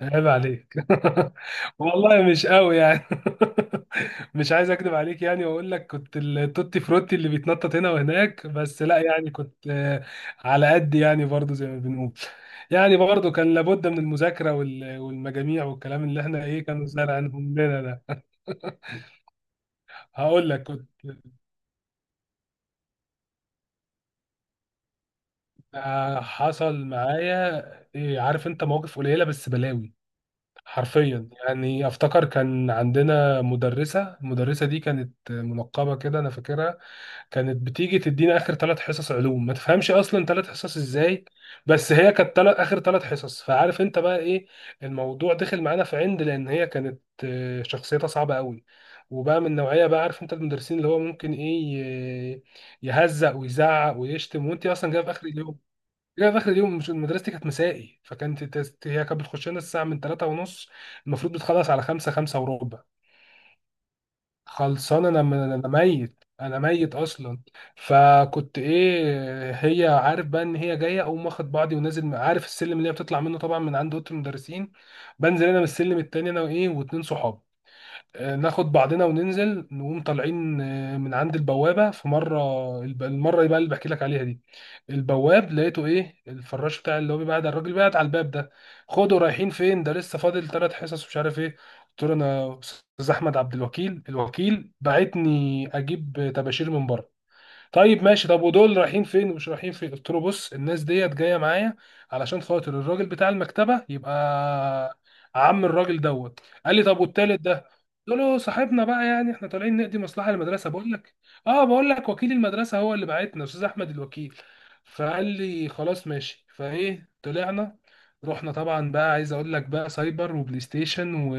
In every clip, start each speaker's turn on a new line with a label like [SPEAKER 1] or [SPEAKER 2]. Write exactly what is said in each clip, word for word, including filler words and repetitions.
[SPEAKER 1] عيب عليك. والله مش قوي يعني. مش عايز اكذب عليك يعني واقول لك كنت التوتي فروتي اللي بيتنطط هنا وهناك، بس لا، يعني كنت آه، على قد يعني، برضو زي ما بنقول. يعني برضو كان لابد من المذاكرة وال- والمجاميع والكلام اللي احنا ايه، كانوا زارعينهم لنا ده. هقول لك كنت آه، حصل معايا إيه، عارف انت، مواقف قليلة بس بلاوي. حرفيا يعني افتكر كان عندنا مدرسة، المدرسة دي كانت منقبة كده، انا فاكرها. كانت بتيجي تدينا اخر ثلاث حصص علوم، ما تفهمش اصلا ثلاث حصص ازاي، بس هي كانت تلات، اخر ثلاث حصص. فعارف انت بقى ايه، الموضوع دخل معانا في عند، لان هي كانت آه، شخصيتها صعبة قوي، وبقى من نوعية بقى عارف انت المدرسين اللي هو ممكن ايه، ي- يهزق ويزعق ويشتم، وانت اصلا جايب اخر اليوم. لا، في اخر اليوم، مش مدرستي كانت مسائي، فكانت تست... هي كانت بتخش لنا الساعه من 3 ونص، المفروض بتخلص على خمسة، 5 وربع. خلصان انا، م- انا ميت، انا ميت اصلا. فكنت ايه، هي عارف بقى ان هي جايه، اقوم واخد بعضي ونازل، عارف السلم اللي هي بتطلع منه طبعا من عند اوضه المدرسين، بنزل انا من السلم التاني انا وايه، واتنين صحاب، آه، ناخد بعضنا وننزل، نقوم طالعين آه، من عند البوابة. في مرة، الب- المرة بقى اللي بحكي لك عليها دي، البواب لقيته ايه، الفراش بتاع اللي هو بيبعد على الراجل بيبعد على الباب ده. خدوا رايحين فين، ده لسه فاضل ثلاث حصص ومش عارف ايه. قلت له انا استاذ احمد عبد الوكيل، الوكيل بعتني اجيب طباشير من بره. طيب ماشي، طب ودول رايحين فين ومش رايحين فين؟ قلت له بص، الناس ديت جايه معايا علشان خاطر الراجل بتاع المكتبه يبقى عم الراجل دوت. قال لي طب والتالت ده؟ قلت له صاحبنا بقى، يعني احنا طالعين نقضي مصلحه للمدرسه، بقول لك، اه بقول لك وكيل المدرسه هو اللي بعتنا، استاذ احمد الوكيل. فقال لي خلاص ماشي. فايه، طلعنا، رحنا طبعا بقى، عايز اقول لك بقى، سايبر وبلاي ستيشن و،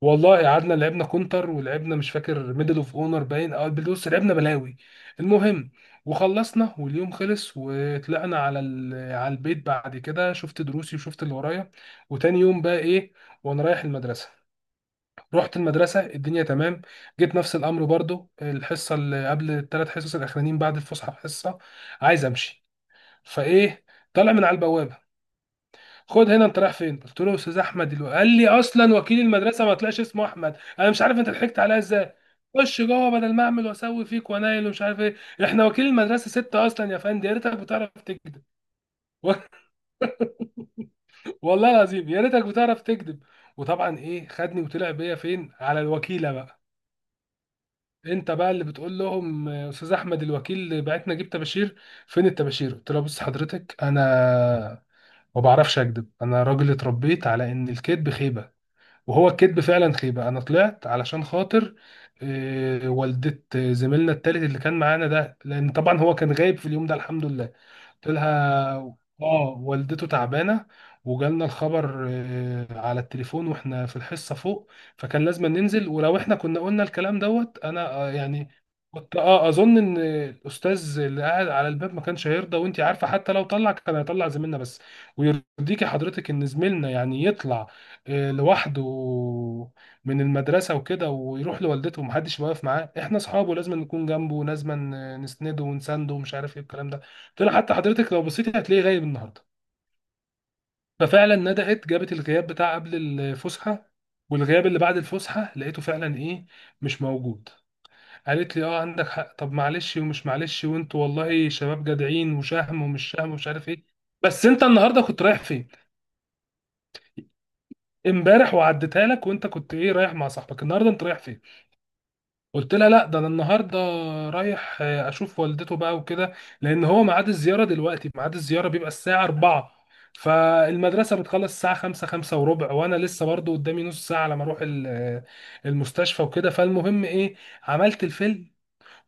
[SPEAKER 1] والله قعدنا لعبنا كونتر ولعبنا مش فاكر ميدل اوف اونر، باين او بص، لعبنا بلاوي. المهم، وخلصنا واليوم خلص، وطلعنا على ال- على البيت. بعد كده شفت دروسي وشفت اللي ورايا، وتاني يوم بقى ايه، وانا رايح المدرسه، رحت المدرسه الدنيا تمام. جيت نفس الامر برضو، الحصه اللي قبل الثلاث حصص الاخرانيين بعد الفسحه، حصه عايز امشي. فايه، طالع من على البوابه، خد هنا انت رايح فين؟ قلت له استاذ احمد الو... قال لي اصلا وكيل المدرسه ما طلعش اسمه احمد، انا مش عارف انت ضحكت عليا ازاي. خش جوه بدل ما اعمل واسوي فيك وانايل ومش عارف ايه، احنا وكيل المدرسه ستة اصلا يا فندم، يا ريتك بتعرف تكذب. و- والله العظيم يا ريتك بتعرف تكذب. وطبعا ايه، خدني وطلع بيا فين، على الوكيله بقى. انت بقى اللي بتقول لهم آه، استاذ احمد الوكيل بعتنا جيب طباشير، فين الطباشير؟ قلت له بص حضرتك، انا ما بعرفش اكذب، انا راجل اتربيت على ان الكذب خيبه، وهو الكذب فعلا خيبة. انا طلعت علشان خاطر آه، والدة زميلنا التالت اللي كان معانا ده، لان طبعا هو كان غايب في اليوم ده الحمد لله. قلت لها اه، والدته تعبانه، وجالنا الخبر آه، على التليفون واحنا في الحصه فوق، فكان لازم ننزل. ولو احنا كنا قلنا الكلام دوت، انا آه، يعني كنت اه اظن ان الاستاذ اللي قاعد على الباب ما كانش هيرضى، وانت عارفه حتى لو طلع كان هيطلع زميلنا بس. ويرضيكي حضرتك ان زميلنا يعني يطلع آه، لوحده من المدرسه وكده، ويروح لوالدته ومحدش واقف معاه؟ احنا اصحابه، لازم نكون جنبه، لازم نسنده ونسانده ومش عارف ايه الكلام ده. قلت لها حتى حضرتك لو بصيتي هتلاقيه غايب النهارده. ففعلا ندقت جابت الغياب بتاع قبل الفسحه، والغياب اللي بعد الفسحه، لقيته فعلا ايه، مش موجود. قالت لي اه عندك حق، طب معلش ومش معلش، وانتوا والله شباب جدعين وشهم ومش شهم ومش عارف ايه. بس انت النهارده كنت رايح فين؟ امبارح وعديتها لك، وانت كنت ايه رايح مع صاحبك، النهارده انت رايح فين؟ قلت لها لا ده انا النهارده رايح آه، اشوف والدته بقى وكده، لان هو ميعاد الزياره دلوقتي، ميعاد الزياره بيبقى الساعه أربعة، فالمدرسه بتخلص الساعه خمسة، 5 وربع، وانا لسه برضو قدامي نص ساعه على ما اروح ال- آه، المستشفى وكده. فالمهم ايه، عملت الفيلم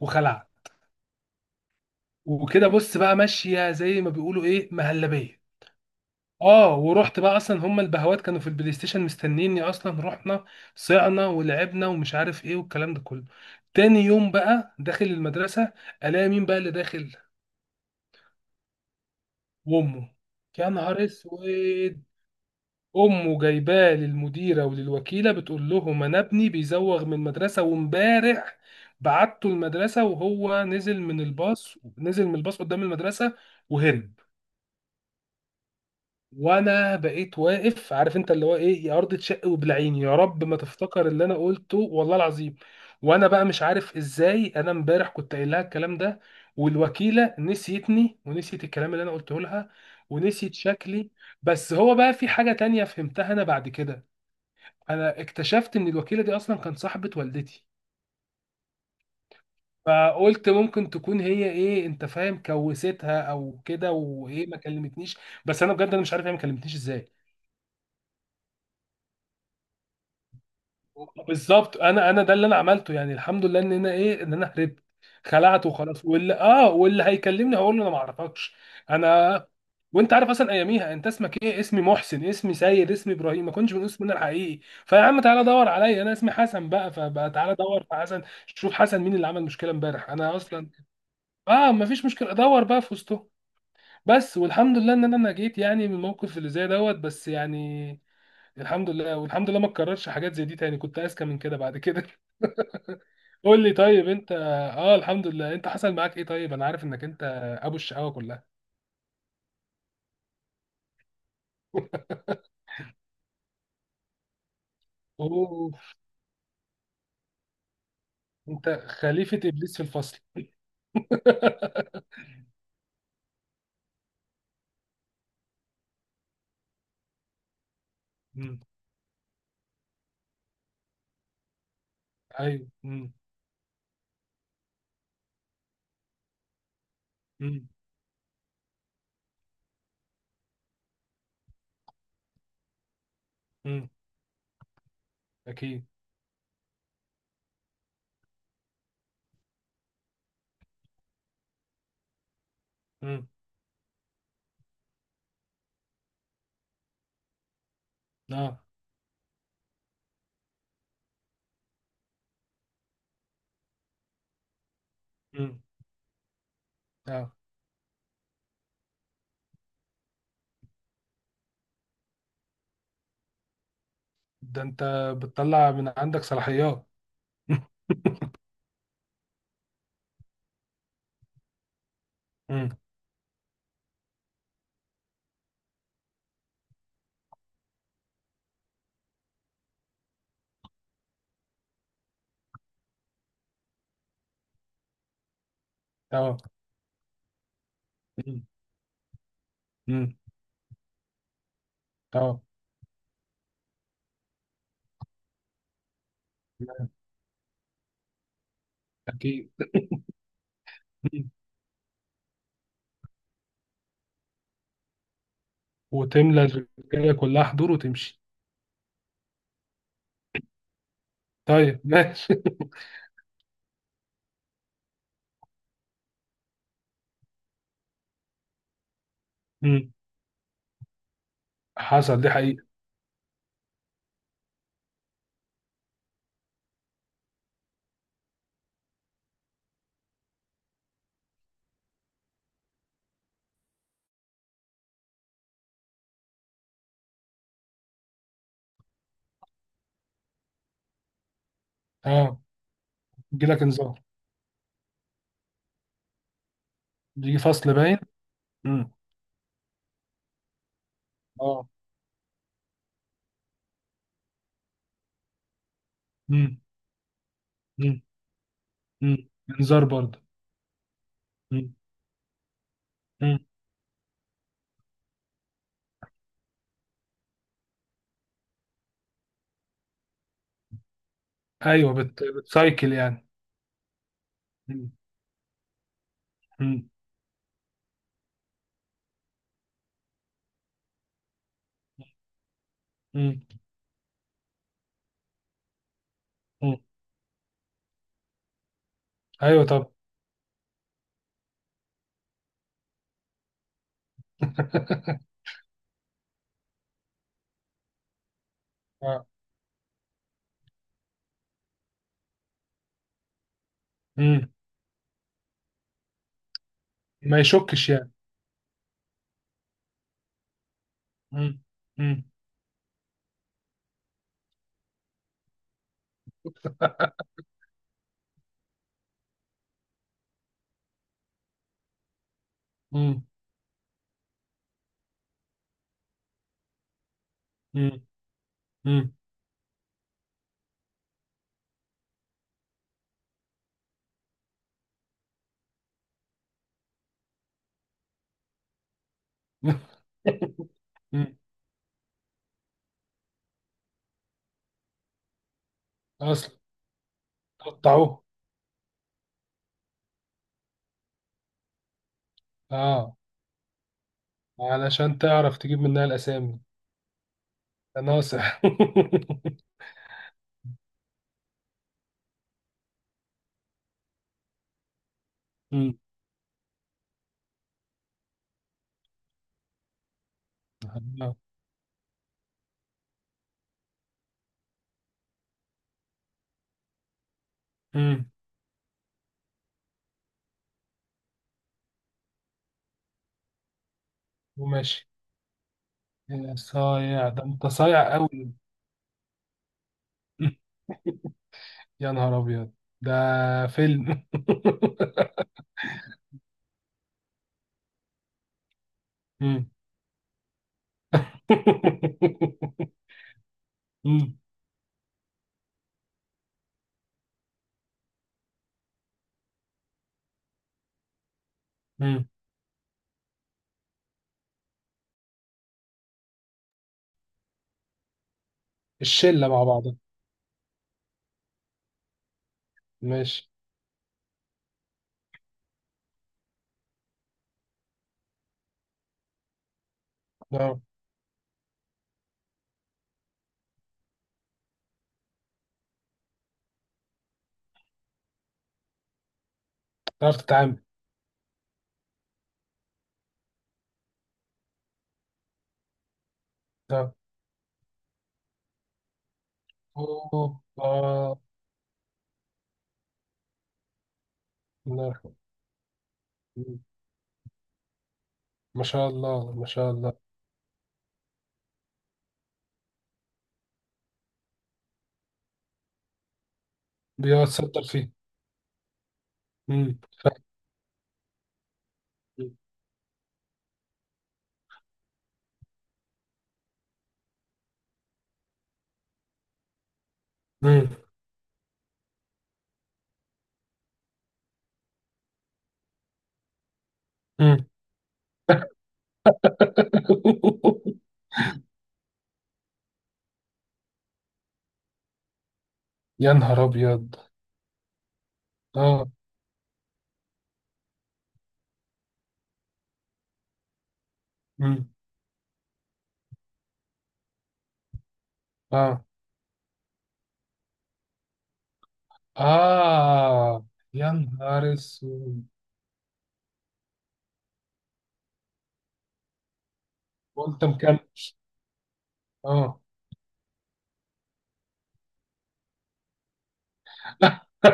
[SPEAKER 1] وخلعت. وكده بص بقى ماشيه زي ما بيقولوا ايه، مهلبيه. اه، ورحت بقى، اصلا هم البهوات كانوا في البلاي ستيشن مستنيني اصلا، رحنا صعنا ولعبنا ومش عارف ايه والكلام ده كله. تاني يوم بقى داخل المدرسة، الاقي مين بقى اللي داخل، وامه. يا نهار اسود. امه جايباه للمديرة وللوكيلة، بتقول لهم انا ابني بيزوغ من المدرسة، وامبارح بعته المدرسة وهو نزل من الباص، نزل من الباص قدام المدرسة وهرب. وانا بقيت واقف، عارف انت اللي هو ايه، يا ارض تشق وبلعيني، يا رب ما تفتكر اللي انا قلته، والله العظيم. وانا بقى مش عارف ازاي، انا امبارح كنت قايل لها الكلام ده، والوكيله نسيتني ونسيت الكلام اللي انا قلته لها، ونسيت شكلي. بس هو بقى في حاجه تانية فهمتها انا بعد كده، انا اكتشفت ان الوكيله دي اصلا كانت صاحبه والدتي، فقلت ممكن تكون هي ايه، انت فاهم، كوستها او كده، وايه ما كلمتنيش. بس انا بجد انا مش عارف هي ما كلمتنيش ازاي. بالظبط، انا انا ده اللي انا عملته، يعني الحمد لله ان انا ايه، ان انا هربت، خلعت وخلاص. واللي اه واللي هيكلمني هقول له انا ما اعرفكش. انا، وانت عارف اصلا اياميها، انت اسمك ايه، اسمي محسن، اسمي سيد، اسمي ابراهيم، ما كنتش بنقول اسمنا الحقيقي. فيا عم تعالى دور عليا، انا اسمي حسن بقى، فبقى تعالى دور في حسن، شوف حسن مين اللي عمل مشكله امبارح، انا اصلا اه ما فيش مشكله، دور بقى في وسطهم. بس والحمد لله ان انا نجيت يعني من الموقف اللي زي دوت. بس يعني الحمد لله، والحمد لله ما اتكررش حاجات زي دي تاني، كنت اذكى من كده بعد كده. قول لي طيب انت، اه الحمد لله، انت حصل معاك ايه طيب، انا عارف انك انت ابو الشقاوه كلها. اوه، انت خليفه ابليس في الفصل. مم. ايوه. مم. مم. مم. اكيد. مم. اه. مم. اه. ده انت بتطلع من عندك صلاحيات. مم. اه. مم. مم. اه. اكيد. مم. وتملى الرجاله كلها حضور وتمشي. طيب ماشي. مم. حصل دي حقيقه. اه، يجي لك انذار. يجي فصل باين. مم. اه. مم. مم. مم. انذار برضه. مم. مم. ايوه، بت... بتسايكل يعني. مم. مم. مم. مم. ايوه طب. آه. مم. ما يشكش يعني. مم. مم. مم. مم. مم. مم. اصلا قطعوه. اه، علشان تعرف تجيب منها الاسامي. ناصح. مم. آه. مم. وماشي. يا صايع، ده انت صايع قوي. يا نهار ابيض، ده فيلم. مم. مم. مم. الشله مع بعض. ماشي، اه، تعرف تتعامل. اه، أوه. اه، الله يرحمه. مم. ما شاء الله ما شاء الله. بيتصدر فيه. مم. مم. مم. مم. يا نهار ابيض. اه. مم. اه. اه، يا نهار اسود، وانت مكمل. اه.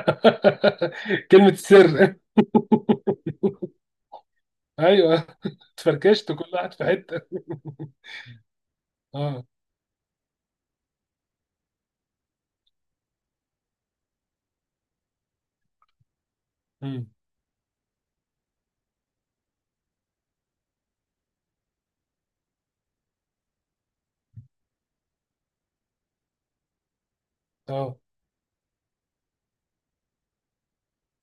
[SPEAKER 1] كلمة السر. ايوه، اتفركشت كل واحد في حتة. اه. مم. اه،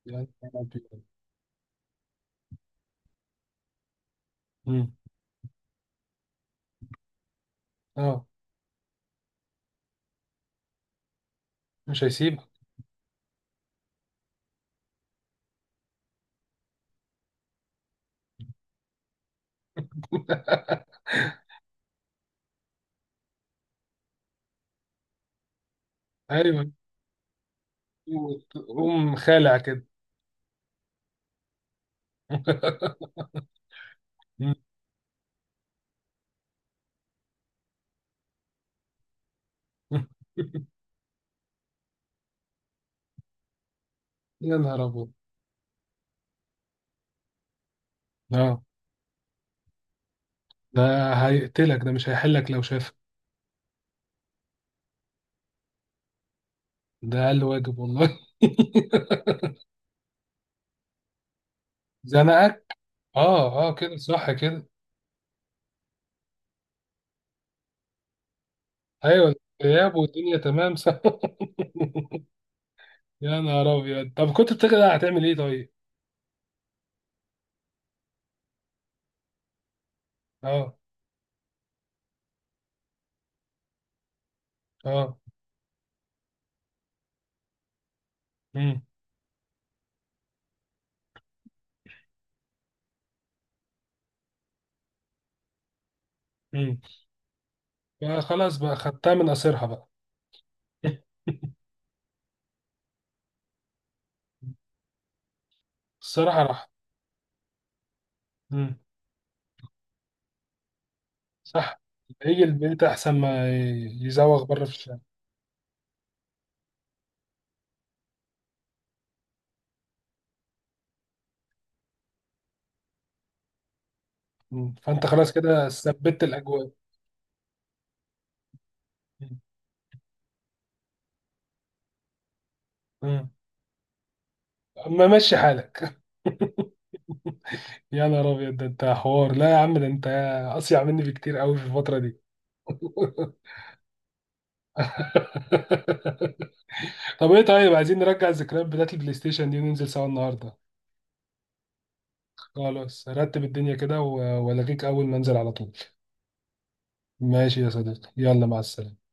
[SPEAKER 1] يعني. مم. اه، مش هيسيبك. ايوه، قوم خالع كده. مم. يا نهار ابيض. اه. ده هيقتلك، ده مش هيحلك لو شافك. ده اقل واجب والله. زنقك. اه اه، كده صح كده. ايوه، غياب والدنيا تمام صح. يا نهار ابيض، طب كنت بتقلق هتعمل ايه طيب؟ اه اه، امم، امم، بقى خلاص بقى، خدتها من قصيرها بقى. الصراحه راح. امم، صح، يجي البيت احسن ما ي- يزوغ بره في الشارع. مم. فانت خلاص كده ثبت الاجواء. امم، اما مشي حالك. يا نهار ابيض، ده انت حوار، لا يا عم ده انت اصيع مني بكتير قوي في الفتره دي. طب ايه طيب، عايزين نرجع الذكريات بتاعت البلاي ستيشن دي وننزل سوا النهارده. خلاص رتب الدنيا كده، و- والغيك اول ما انزل على طول. ماشي يا صديقي، يلا مع السلامة.